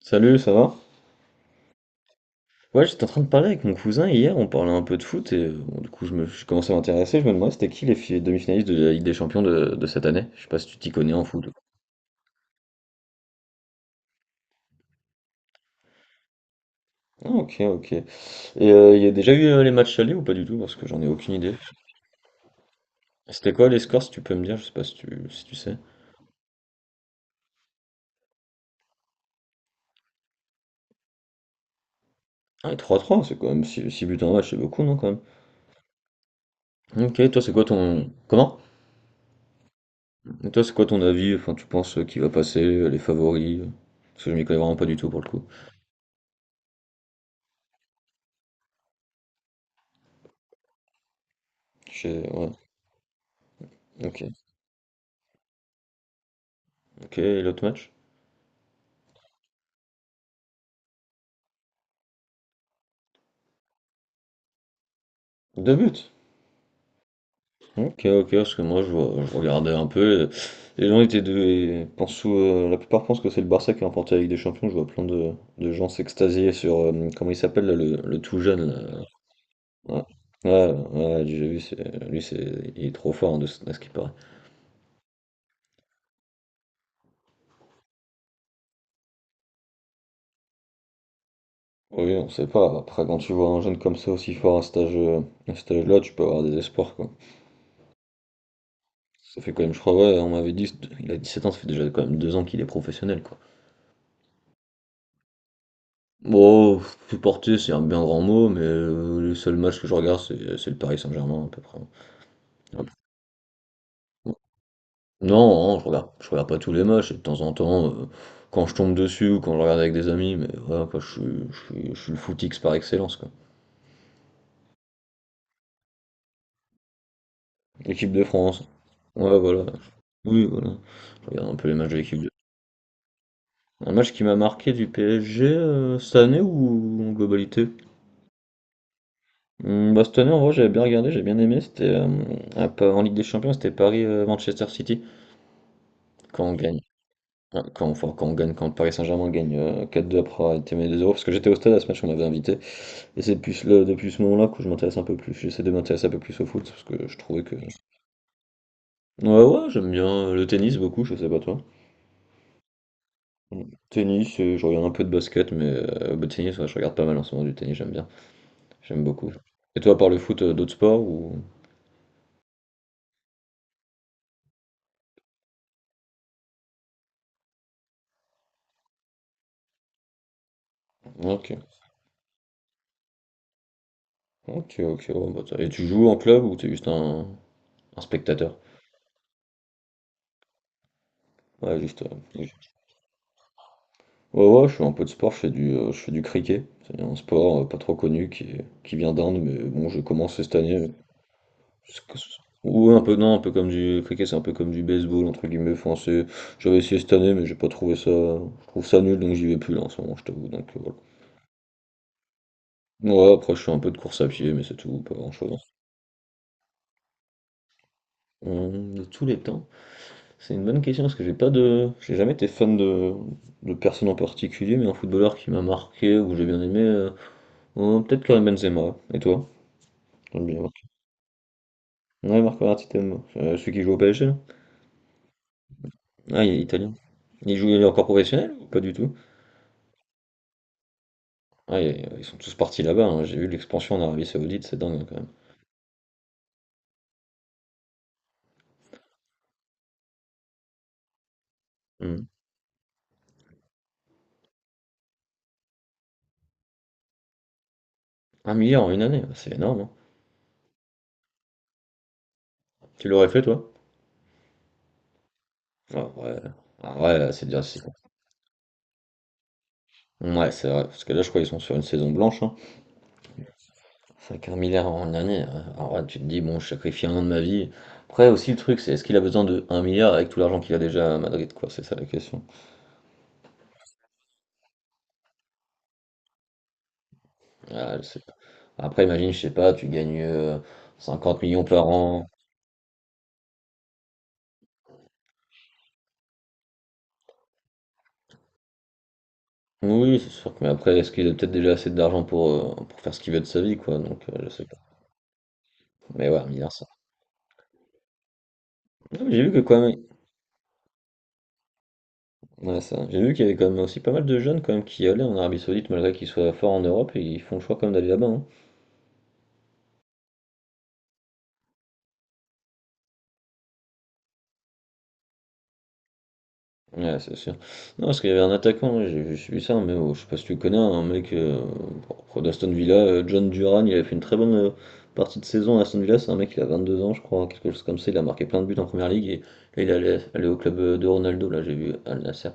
Salut, ça va? Ouais, j'étais en train de parler avec mon cousin hier, on parlait un peu de foot et bon, du coup je commençais à m'intéresser, je me demandais c'était qui les demi-finalistes de la Ligue des Champions de cette année? Je sais pas si tu t'y connais en foot. Ah, ok, ok. Et il y a déjà eu les matchs allés ou pas du tout? Parce que j'en ai aucune idée. C'était quoi les scores si tu peux me dire? Je sais pas si tu sais. Ah, et trois. 3 c'est quand même six buts en match, c'est beaucoup, non, quand même? Ok, toi c'est quoi ton... Comment? Et toi c'est quoi ton avis? Enfin, tu penses qui va passer, les favoris? Parce que je m'y connais vraiment pas du tout pour le coup. Ouais, ok. Ok, et l'autre match? 2 buts? Ok, ok, parce que moi je regardais un peu. Et les gens étaient deux et pensent la plupart pensent que c'est le Barça qui a remporté la Ligue des Champions. Je vois plein de gens s'extasier sur comment il s'appelle là, le tout jeune. Là. Ouais, ouais, ouais, j'ai vu, lui c'est, il est trop fort hein, à ce qu'il paraît. Oui, on sait pas. Après, quand tu vois un jeune comme ça aussi fort à cet âge-là, tu peux avoir des espoirs quoi. Ça fait quand même, je crois, ouais, on m'avait dit, il a 17 ans, ça fait déjà quand même 2 ans qu'il est professionnel quoi. Bon, supporter, c'est un bien grand mot, mais les seuls matchs que je regarde, c'est le Paris Saint-Germain à peu près. Ah bon? Non, non, je regarde pas tous les matchs et de temps en temps, quand je tombe dessus ou quand je regarde avec des amis, mais voilà quoi, je suis le footix par excellence quoi. L'équipe de France. Ouais voilà. Oui voilà. Je regarde un peu les matchs de l'équipe de un match qui m'a marqué du PSG, cette année ou en globalité? Mmh, bah, cette année en vrai j'avais bien regardé, j'ai bien aimé, c'était, hem, à pa en Ligue des Champions, c'était Paris, Manchester City. Quand on gagne, ouais, quand, enfin, quand on gagne, quand le Paris Saint-Germain gagne 4-2 après avoir été mené deux 0 parce que j'étais au stade à ce match, on m'avait invité, et c'est depuis, depuis ce moment-là que je m'intéresse un peu plus, j'essaie de m'intéresser un peu plus au foot, parce que je trouvais que... Ouais, ouais, j'aime bien le tennis beaucoup, je sais pas toi. Mm. Tennis, je regarde un peu de basket, mais le tennis, ouais, je regarde pas mal en ce moment du tennis, j'aime bien, j'aime beaucoup. Et toi, par le foot, d'autres sports ou... Ok, ok, ok, ouais, bah, et tu joues en club ou t'es juste un spectateur? Ouais, juste, euh, Ouais, ouais, je fais un peu de sport, je fais du cricket. C'est un sport pas trop connu qui, qui vient d'Inde, mais bon, je commence cette année. parce que- Ouais, un peu, non, un peu comme du cricket, c'est un peu comme du baseball, entre guillemets. J'avais essayé cette année, mais j'ai pas trouvé ça. Je trouve ça nul, donc j'y vais plus là en ce moment, je t'avoue. Donc voilà. Ouais, après, je fais un peu de course à pied, mais c'est tout, pas grand-chose. De tous les temps, c'est une bonne question parce que j'ai pas de, j'ai jamais été fan de personne en particulier, mais un footballeur qui m'a marqué ou que j'ai bien aimé, peut-être Karim Benzema. Et toi? J'aime bien Marc. Ouais, Marco Verratti, t'aimes. Celui qui joue au PSG, là? Ah, il est italien. Il joue, il est encore professionnel ou pas du tout? Ah, ils sont tous partis là-bas. Hein. J'ai vu l'expansion en Arabie Saoudite, c'est dingue hein, quand même. Hmm. Un milliard en une année, c'est énorme. Hein. Tu l'aurais fait, toi? Ah, ouais. Ah, ouais, c'est déjà. Ouais, c'est vrai. Parce que là, je crois qu'ils sont sur une saison blanche. Hein. Avec un en une année. Alors là, tu te dis, bon, je sacrifie un an de ma vie. Après, aussi, le truc, c'est est-ce qu'il a besoin de un milliard avec tout l'argent qu'il a déjà à Madrid, quoi? C'est ça la question. Ah, je sais pas. Après, imagine, je sais pas, tu gagnes 50 millions par an. Oui, c'est sûr que, mais après, est-ce qu'il a peut-être déjà assez d'argent pour faire ce qu'il veut de sa vie, quoi, donc je sais pas. Mais ouais, un milliard, ça. Non, mais j'ai vu que quand même, ouais, ça. J'ai vu qu'il y avait quand même aussi pas mal de jeunes quand même qui allaient en Arabie Saoudite, malgré qu'ils soient forts en Europe, et ils font le choix quand même d'aller là-bas. Hein. Ouais, c'est sûr. Non, parce qu'il y avait un attaquant, ouais, j'ai suivi ça, mais oh, je sais pas si tu connais hein, un mec bon, d'Aston Villa, John Duran, il a fait une très bonne partie de saison à Aston Villa, c'est un mec qui a 22 ans, je crois, quelque chose comme ça, il a marqué plein de buts en première ligue, et là, allait au club de Ronaldo, là, j'ai vu Al Nasser.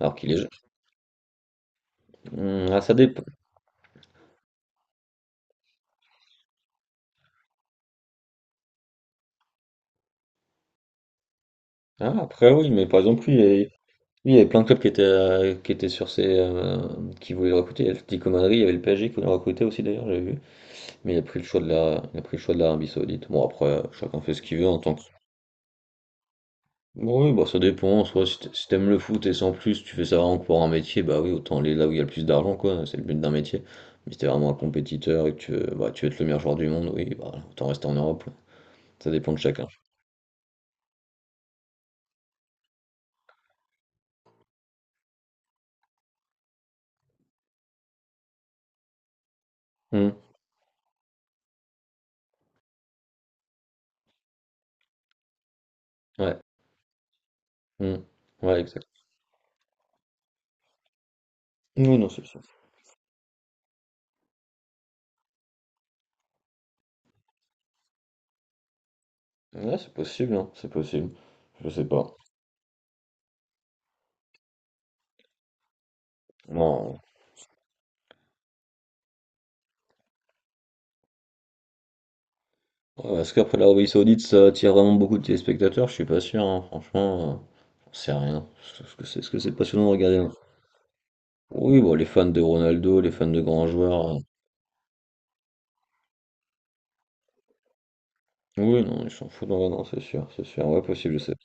Alors qu'il est jeune. Ah, ça dépend. Ah, après, oui, mais par exemple, lui, il y avait, lui, il y avait plein de clubs qui étaient sur ses. Qui voulaient le recruter, il y avait le Atlético Madrid, il y avait le PSG qui voulait le recruter aussi, d'ailleurs, j'ai vu. Mais il a pris le choix de la, il a pris le choix de l'Arabie Saoudite. Bon, après, chacun fait ce qu'il veut en tant que. Bon, oui, bah, ça dépend. Soit si t'- Si t'aimes le foot et sans plus, tu fais ça vraiment que pour un métier, bah oui, autant aller là où il y a le plus d'argent, quoi. C'est le but d'un métier. Mais si t'es vraiment un compétiteur et que tu veux, bah, tu veux être le meilleur joueur du monde, oui, bah, autant rester en Europe. Ça dépend de chacun. Hmm, ouais. Hmm, ouais, exact. Oui, non, c'est ça. Ouais, c'est possible, hein, c'est possible. Je sais pas. Non, ouais, est-ce qu'après l'Arabie Saoudite ça attire vraiment beaucoup de téléspectateurs? Je suis pas sûr, hein, franchement, j'en sais rien. Est-ce que c'est ce que c'est passionnant de regarder? Hein. Oui, bon, les fans de Ronaldo, les fans de grands joueurs. Oui, non, ils s'en foutent, non, non, c'est sûr, ouais, possible, je sais.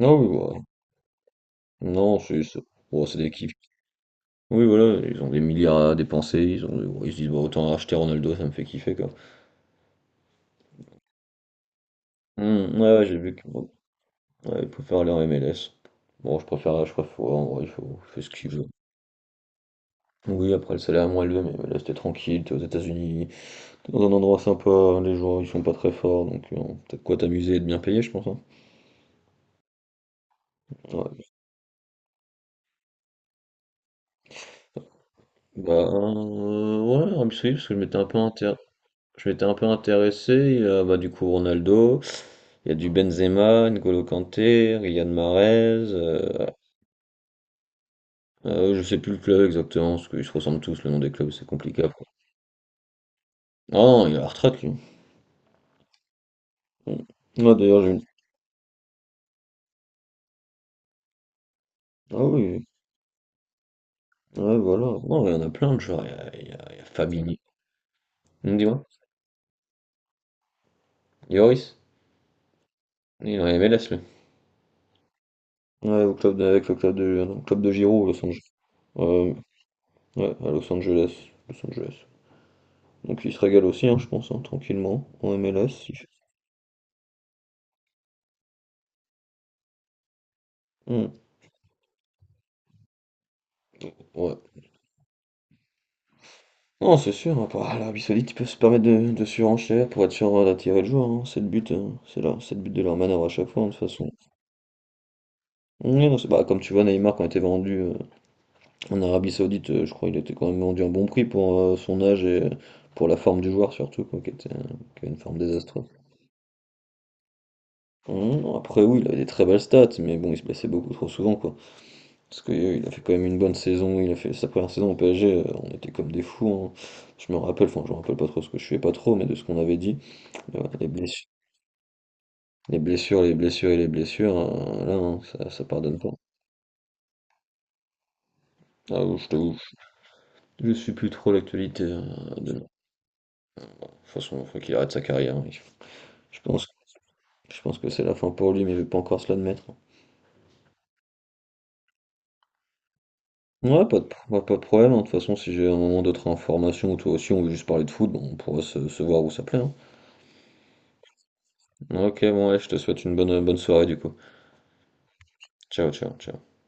Non, oui, bon, non, bon, c'est des kiffs. Oui, voilà, ils ont des milliards à dépenser, ils ont, ils se disent, bon, autant acheter Ronaldo, ça me fait kiffer, quoi. Hmm, ouais, ouais, j'ai vu que, bon, ouais, ils préfèrent aller en MLS. Bon, ouais, en vrai, il faut, il fait ce qu'il veut. Oui, après le salaire est moins élevé, mais là c'était tranquille, t'es aux États-Unis, t'es dans un endroit sympa, les joueurs ils sont pas très forts, donc t'as de quoi t'amuser et de bien payer, je pense. Hein. Ouais. Bah ouais, Arabie Saoudite, parce que je m'étais un peu intéressé, il y a, bah, du coup Ronaldo, il y a du Benzema, N'Golo Kanté, Riyad Mahrez, je sais plus le club exactement, parce qu'ils se ressemblent tous, le nom des clubs c'est compliqué après. Ah non, il est à la retraite lui. Mm. Ah d'ailleurs j'ai une... Ah oui, ouais, voilà. Non, il y en a plein de joueurs. Il y a, il y a Fabinho, Mmh, dis-moi. Yoris? Il est en MLS, lui. Ouais, au club de, avec le club de, non, club de Giro, Los Angeles. Euh, ouais, à Los Angeles. Los Angeles. Donc il se régale aussi, hein, je pense, hein, tranquillement, en MLS. Hmm, ouais. Non, c'est sûr, hein, l'Arabie Saoudite, ils peuvent se permettre de surenchère pour être sûr d'attirer le joueur. Hein, c'est le but, hein, c'est là, c'est le but de leur manœuvre à chaque fois, hein, de toute façon. Ouais, non, bah, comme tu vois, Neymar, quand il était vendu en Arabie Saoudite, je crois qu'il était quand même vendu à un bon prix pour son âge et pour la forme du joueur, surtout, quoi, qui était, qui a une forme désastreuse. Mmh, après oui, il avait des très belles stats, mais bon, il se blessait beaucoup trop souvent, quoi. Parce que il a fait quand même une bonne saison, il a fait sa première saison au PSG, on était comme des fous, hein. Je me rappelle, enfin je me rappelle pas trop ce que je fais pas trop, mais de ce qu'on avait dit, les blessures, les blessures, les blessures et les blessures, là, hein, ça pardonne pas. Ah oui, je t'avoue, je suis plus trop l'actualité. De toute façon, il faut qu'il arrête sa carrière. Hein. Je pense, je pense que c'est la fin pour lui, mais il veut pas encore se l'admettre. Ouais, pas de problème, hein. De toute façon, si j'ai un moment d'autres informations, ou toi aussi, on veut juste parler de foot, bon, on pourra se voir ou s'appeler. Hein. Ok, bon, ouais, je te souhaite une bonne, bonne soirée du coup. Ciao, ciao, ciao.